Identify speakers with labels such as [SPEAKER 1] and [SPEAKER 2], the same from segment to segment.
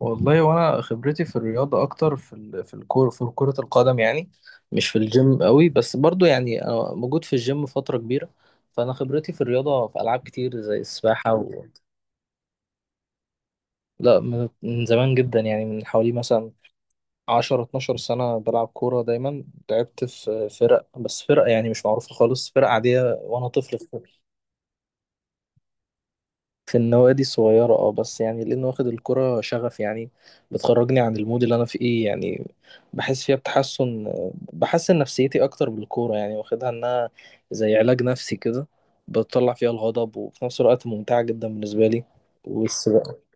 [SPEAKER 1] والله وانا خبرتي في الرياضه اكتر في الكوره في كره القدم، يعني مش في الجيم قوي، بس برضو يعني انا موجود في الجيم فتره كبيره. فانا خبرتي في الرياضه في العاب كتير زي السباحه. لا، من زمان جدا، يعني من حوالي مثلا 10 12 سنه بلعب كوره دايما. لعبت في فرق، بس فرق يعني مش معروفه خالص، فرق عاديه وانا طفل في النوادي الصغيرة، اه بس يعني لأنه واخد الكرة شغف، يعني بتخرجني عن المود اللي أنا فيه، يعني بحس فيها بحسن نفسيتي أكتر بالكورة، يعني واخدها إنها زي علاج نفسي كده، بتطلع فيها الغضب وفي نفس الوقت ممتعة جدا بالنسبة لي. بس بقى-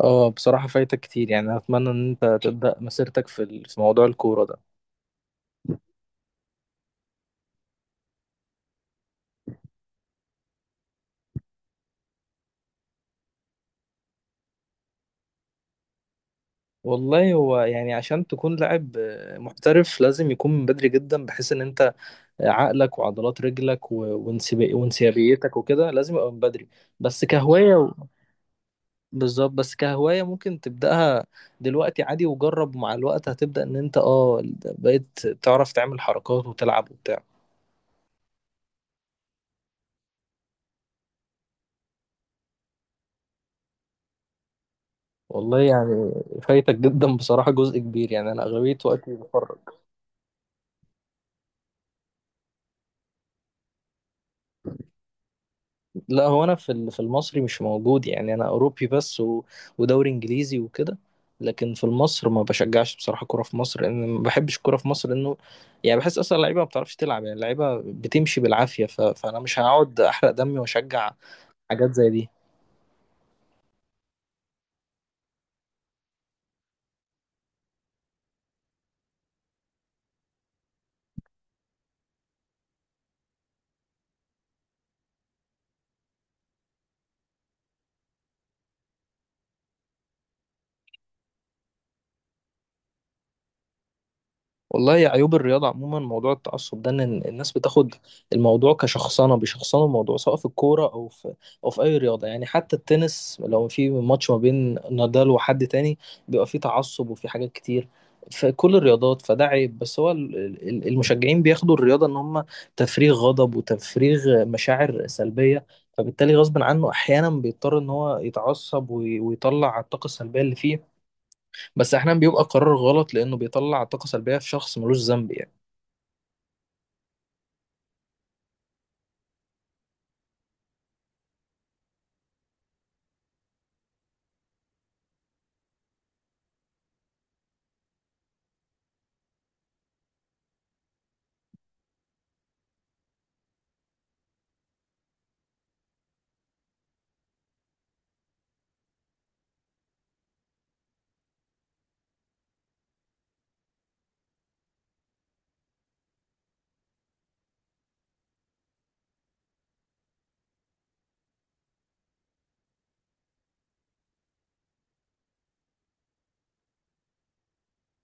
[SPEAKER 1] اه، بصراحة فايتك كتير، يعني أتمنى إن أنت تبدأ مسيرتك في موضوع الكورة ده. والله هو يعني عشان تكون لاعب محترف لازم يكون من بدري جدا، بحيث إن أنت عقلك وعضلات رجلك وانسيابيتك وكده لازم يبقى من بدري. بس كهواية و- بالظبط، بس كهواية ممكن تبدأها دلوقتي عادي، وجرب مع الوقت هتبدأ ان انت بقيت تعرف تعمل حركات وتلعب وبتاع. والله يعني فايتك جدا بصراحة جزء كبير، يعني انا اغلبية وقتي بفرج. لا، هو انا في المصري مش موجود، يعني انا اوروبي بس، ودوري انجليزي وكده، لكن في مصر ما بشجعش بصراحه كوره في مصر، لان ما بحبش الكوره في مصر، لانه يعني بحس اصلا اللعيبه ما بتعرفش تلعب، يعني اللعيبه بتمشي بالعافيه، فانا مش هقعد احرق دمي واشجع حاجات زي دي. والله يا عيوب الرياضة عموما، موضوع التعصب ده إن الناس بتاخد الموضوع كشخصنة، بيشخصنوا الموضوع سواء في الكورة أو في أي رياضة، يعني حتى التنس لو في ماتش ما بين نادال وحد تاني بيبقى فيه تعصب وفي حاجات كتير في كل الرياضات، فده عيب. بس هو المشجعين بياخدوا الرياضة إن هم تفريغ غضب وتفريغ مشاعر سلبية، فبالتالي غصب عنه أحيانا بيضطر إن هو يتعصب ويطلع الطاقة السلبية اللي فيه. بس احيانا بيبقى قرار غلط، لانه بيطلع طاقه سلبيه في شخص ملوش ذنب، يعني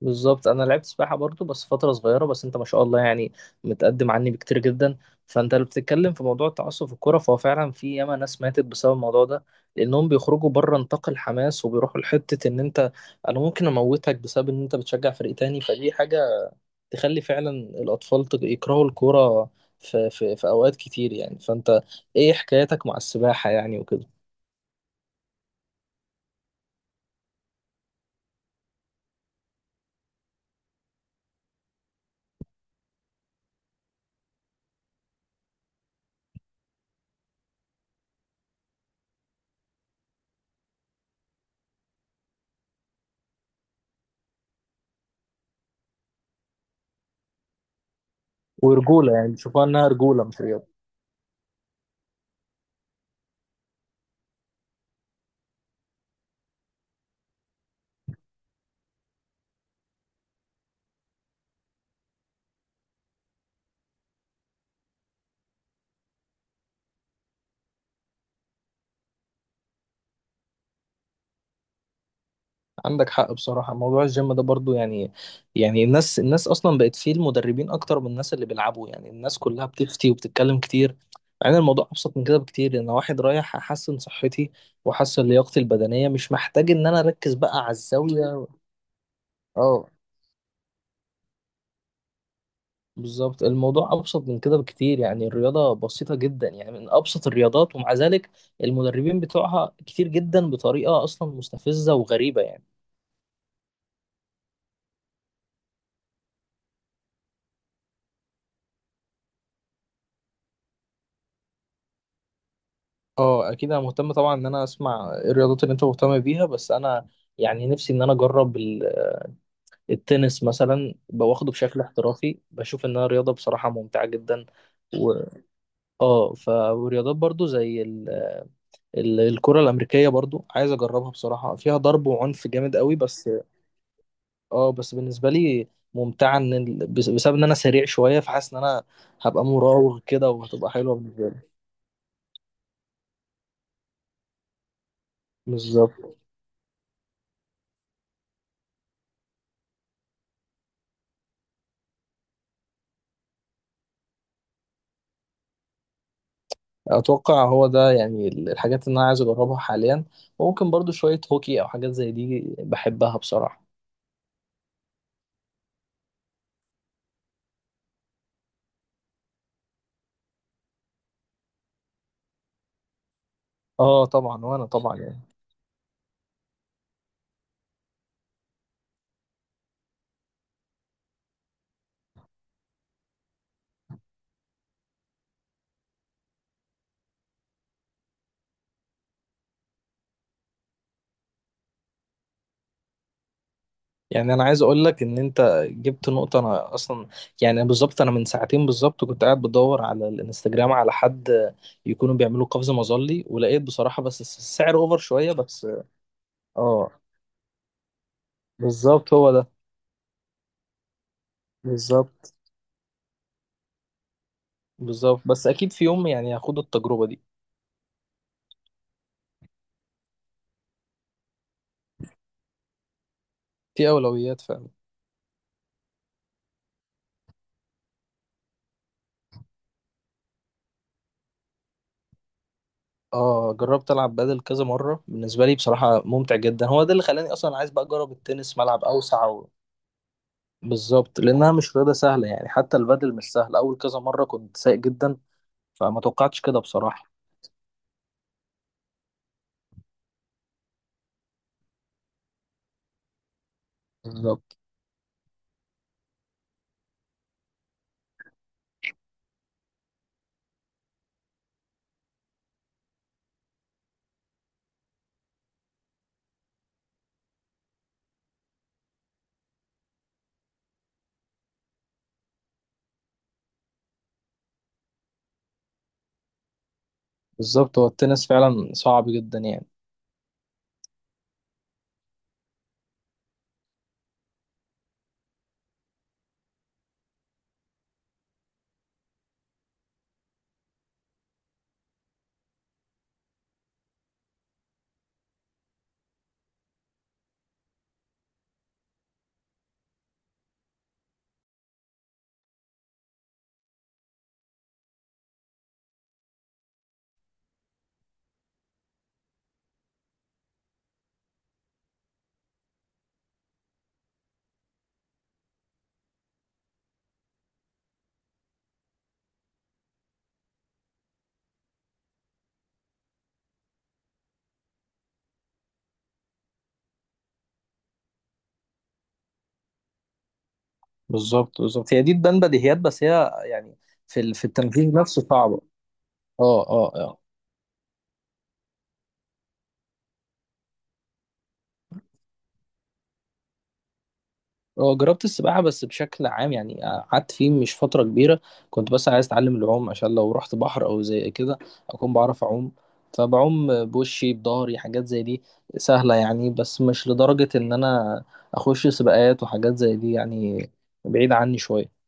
[SPEAKER 1] بالظبط، انا لعبت سباحه برضو بس فتره صغيره، بس انت ما شاء الله يعني متقدم عني بكتير جدا. فانت اللي بتتكلم في موضوع التعصب في الكوره، فهو فعلا في ياما ناس ماتت بسبب الموضوع ده، لانهم بيخرجوا بره نطاق الحماس وبيروحوا لحته ان انت انا ممكن اموتك بسبب ان انت بتشجع فريق تاني، فدي حاجه تخلي فعلا الاطفال يكرهوا الكوره في اوقات كتير، يعني فانت ايه حكايتك مع السباحه، يعني وكده؟ ورجوله، يعني بيشوفوها انها رجوله مش رياضه. عندك حق بصراحة، موضوع الجيم ده برضو يعني الناس أصلا بقت فيه المدربين أكتر من الناس اللي بيلعبوا، يعني الناس كلها بتفتي وبتتكلم كتير، مع إن الموضوع أبسط من كده بكتير. أنا واحد رايح أحسن صحتي وأحسن لياقتي البدنية، مش محتاج إن أنا أركز بقى على الزاوية. أه، بالظبط الموضوع أبسط من كده بكتير، يعني الرياضة بسيطة جدا، يعني من أبسط الرياضات، ومع ذلك المدربين بتوعها كتير جدا بطريقة أصلا مستفزة وغريبة، يعني اه، اكيد انا مهتم طبعا ان انا اسمع إيه الرياضات اللي انت مهتم بيها، بس انا يعني نفسي ان انا اجرب التنس مثلا، باخده بشكل احترافي بشوف انها رياضه بصراحه ممتعه جدا. و ورياضات برضو زي الكره الامريكيه، برضو عايز اجربها بصراحه، فيها ضرب وعنف جامد قوي بس. اه بس بالنسبه لي ممتعه، بسبب ان انا سريع شويه، فحاسس ان انا هبقى مراوغ كده وهتبقى حلوه بالنسبه لي. بالظبط، اتوقع هو ده يعني الحاجات اللي انا عايز اجربها حاليا، وممكن برضو شوية هوكي او حاجات زي دي بحبها بصراحة. اه طبعا، وانا طبعا يعني انا عايز اقول لك ان انت جبت نقطة. انا اصلا يعني بالظبط، انا من ساعتين بالظبط كنت قاعد بدور على الانستجرام على حد يكونوا بيعملوا قفز مظلي، ولقيت بصراحة بس السعر اوفر شوية بس. اه، بالظبط هو ده. بالظبط بالظبط، بس اكيد في يوم يعني هاخد التجربة دي. دي اولويات فعلا. اه، جربت العب بادل كذا مره، بالنسبه لي بصراحه ممتع جدا، هو ده اللي خلاني اصلا عايز بقى اجرب التنس، ملعب اوسع. بالظبط، لانها مش رياضه سهله، يعني حتى البادل مش سهل، اول كذا مره كنت سايق جدا، فما توقعتش كده بصراحه. بالظبط بالظبط، هو التنس فعلا صعب جدا يعني. بالظبط بالظبط، هي دي تبان بديهيات، بس هي يعني في التنفيذ نفسه صعبه. اه اه اه. هو جربت السباحة بس بشكل عام، يعني قعدت فيه مش فترة كبيرة، كنت بس عايز أتعلم العوم عشان لو رحت بحر أو زي كده أكون بعرف أعوم، فبعوم بوشي بضهري حاجات زي دي سهلة يعني، بس مش لدرجة إن أنا أخش سباقات وحاجات زي دي يعني، بعيد عني شوية.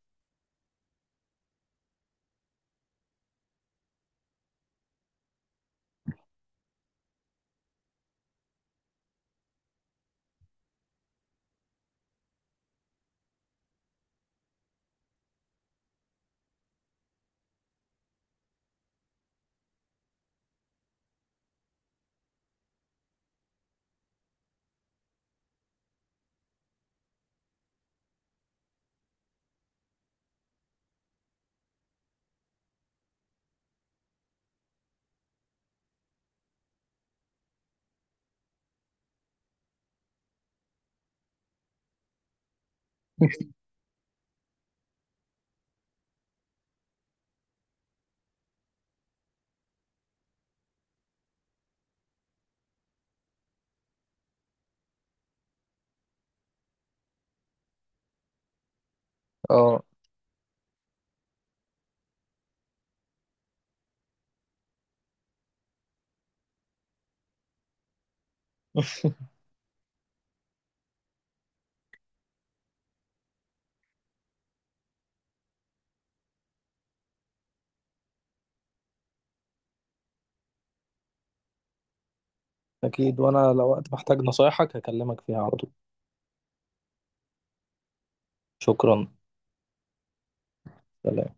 [SPEAKER 1] اه أكيد، وأنا لو وقت محتاج نصايحك هكلمك فيها على طول. شكرا. سلام.